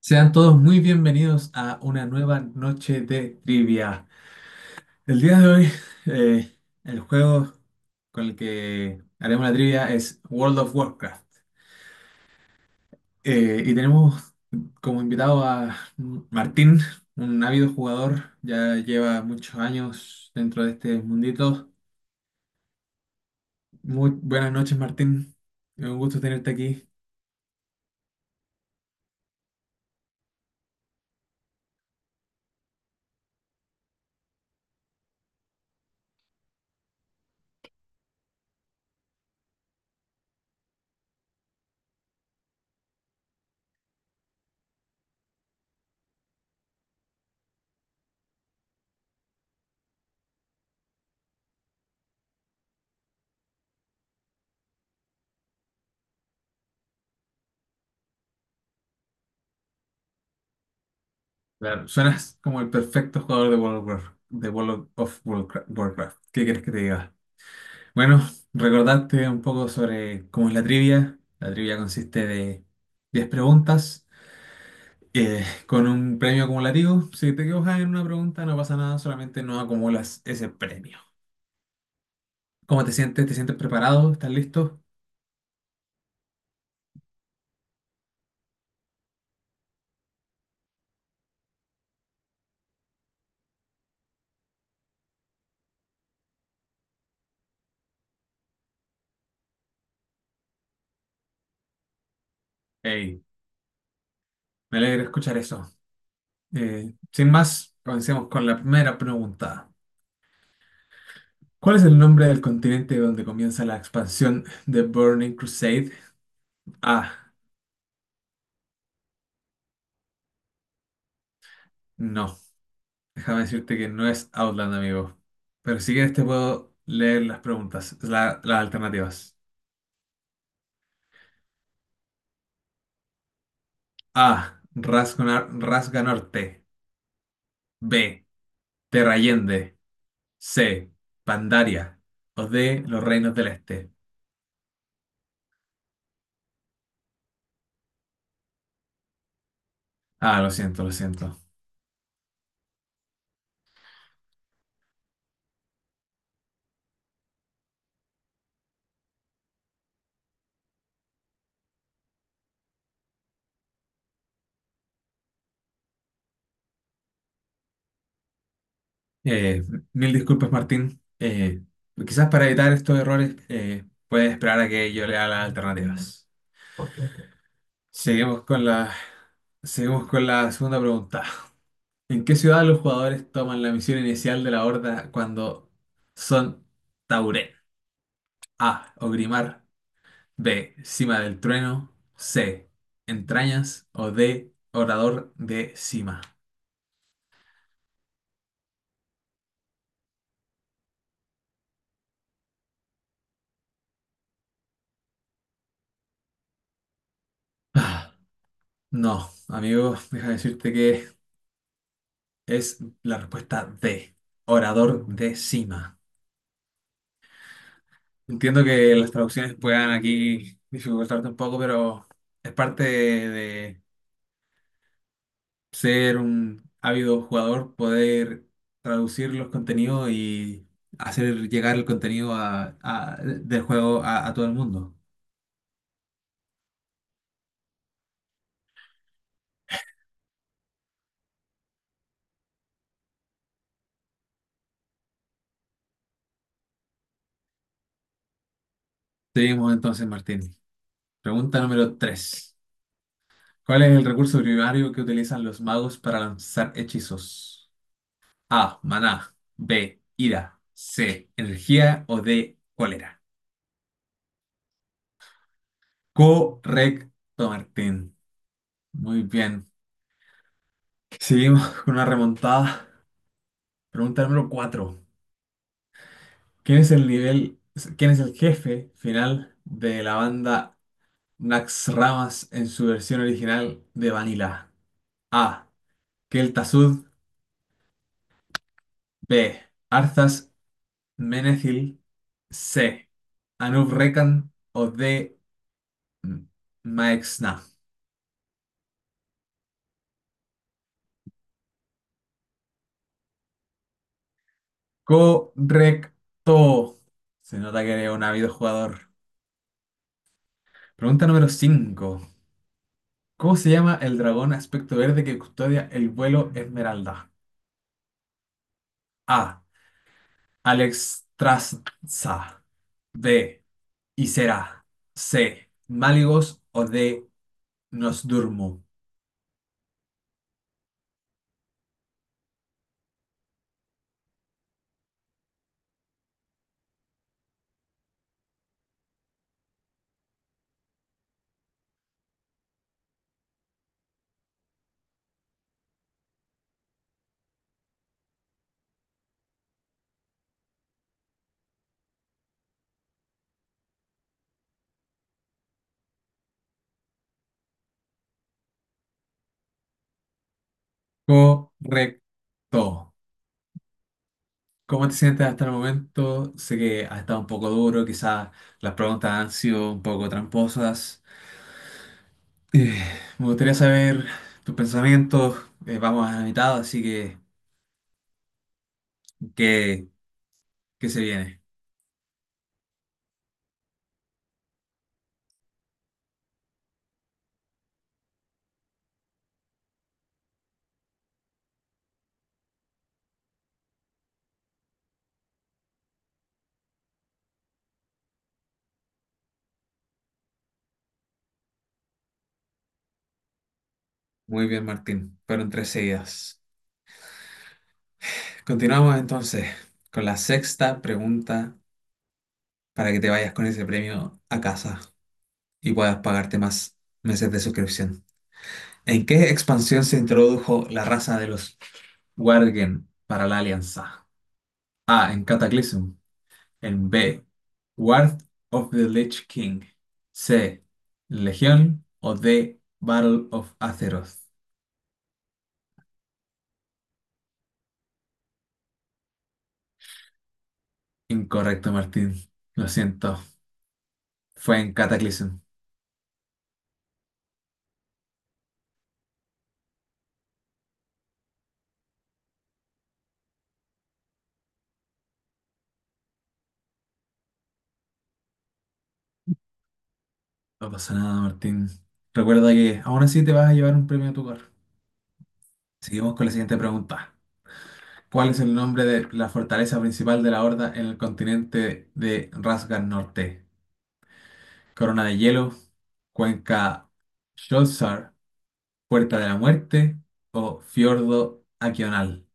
Sean todos muy bienvenidos a una nueva noche de trivia. El día de hoy, eh, el juego con el que haremos la trivia es World of Warcraft. Y tenemos como invitado a Martín, un ávido jugador, ya lleva muchos años dentro de este mundito. Muy buenas noches, Martín. Un gusto tenerte aquí. Claro, suenas como el perfecto jugador de World of Warcraft. De World of Warcraft. ¿Qué quieres que te diga? Bueno, recordarte un poco sobre cómo es la trivia. La trivia consiste de 10 preguntas con un premio acumulativo. Si te equivocas en una pregunta, no pasa nada, solamente no acumulas ese premio. ¿Cómo te sientes? ¿Te sientes preparado? ¿Estás listo? Hey, me alegra escuchar eso. Sin más, comencemos con la primera pregunta. ¿Cuál es el nombre del continente donde comienza la expansión de Burning Crusade? A. No. Déjame decirte que no es Outland, amigo. Pero si quieres te puedo leer las preguntas, las alternativas. A. Rasga, Rasga Norte. B. Terrallende. C. Pandaria. O D. Los Reinos del Este. Ah, lo siento, lo siento. Eh, mil disculpas, Martín. Quizás para evitar estos errores, puedes esperar a que yo lea las alternativas. Seguimos con la, seguimos con la segunda pregunta. ¿En qué ciudad los jugadores toman la misión inicial de la Horda cuando son Tauren? A. Ogrimar. B. Cima del Trueno. C. Entrañas. O D. Orador de Cima. Ah, no, amigo, deja decirte que es la respuesta D. Orador de Cima. Entiendo que las traducciones puedan aquí dificultarte un poco, pero es parte de ser un ávido jugador, poder traducir los contenidos y hacer llegar el contenido del juego a todo el mundo. Seguimos entonces, Martín. Pregunta número tres. ¿Cuál es el recurso primario que utilizan los magos para lanzar hechizos? A. Maná. B. Ira. C. Energía. O D. Cólera. Correcto, Martín. Muy bien. Seguimos con una remontada. Pregunta número cuatro. ¿Quién es el nivel, quién es el jefe final de la banda Nax Ramas en su versión original de Vanilla? A. Keltasud. B. Arthas Menethil. C. Anub Rekan. O D. M- Maexna. Correcto. Se nota que eres un ávido jugador. Pregunta número 5. ¿Cómo se llama el dragón aspecto verde que custodia el vuelo Esmeralda? A. Alex Traza. B. Isera. C. Máligos. O D. Nos Durmo. Correcto. ¿Cómo te sientes hasta el momento? Sé que ha estado un poco duro, quizás las preguntas han sido un poco tramposas. Eh, me gustaría saber tus pensamientos. Vamos a la mitad, así que ¿qué, qué se viene? Muy bien, Martín. Fueron tres seguidas. Continuamos entonces con la sexta pregunta para que te vayas con ese premio a casa y puedas pagarte más meses de suscripción. ¿En qué expansión se introdujo la raza de los Worgen para la Alianza? A. En Cataclysm. En B. Wrath of the Lich King. C. Legión. O D. Battle of Azeroth. Incorrecto, Martín. Lo siento. Fue en Cataclysm. No pasa nada, Martín. Recuerda que aún así te vas a llevar un premio a tu cor. Seguimos con la siguiente pregunta. ¿Cuál es el nombre de la fortaleza principal de la Horda en el continente de Rasgar Norte? ¿Corona de Hielo, Cuenca Sholzar, Puerta de la Muerte o Fiordo Aquional?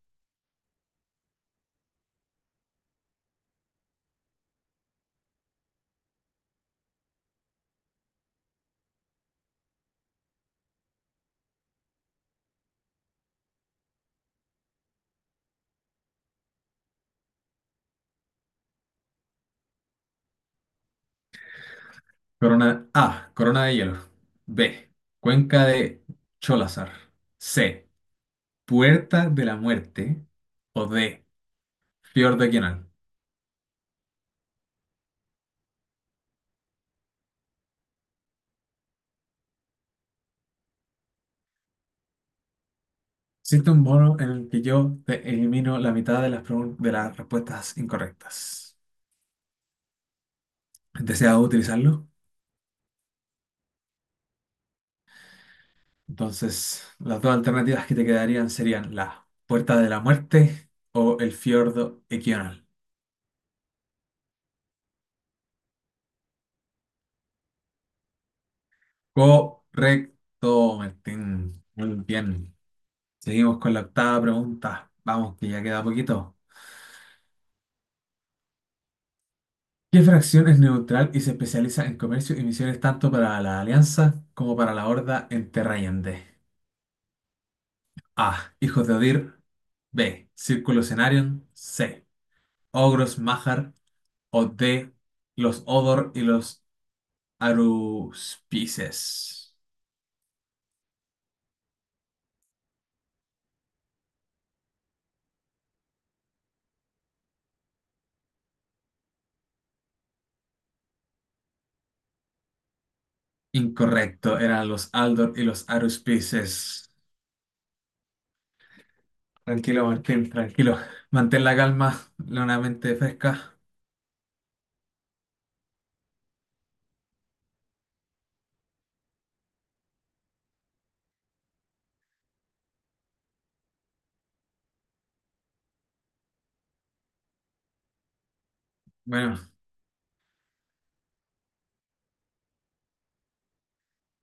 Corona A. Corona de Hielo. B. Cuenca de Cholazar. C. Puerta de la Muerte. O D. Fiordo Aquional. Existe un bono en el que yo te elimino la mitad de las respuestas incorrectas. ¿Deseas utilizarlo? Entonces, las dos alternativas que te quedarían serían la Puerta de la Muerte o el Fiordo Equional. Correcto, Martín. Muy bien. Seguimos con la octava pregunta. Vamos, que ya queda poquito. ¿Qué fracción es neutral y se especializa en comercio y misiones tanto para la Alianza como para la Horda en Terra Allende? A. Hijos de Odir. B. Círculo Cenarion. C. Ogros Mahar. O D. Los Odor y los Aruspices. Incorrecto, eran los Aldor y los Aruspices. Tranquilo, Martín, tranquilo. Mantén la calma, la una mente fresca. Bueno.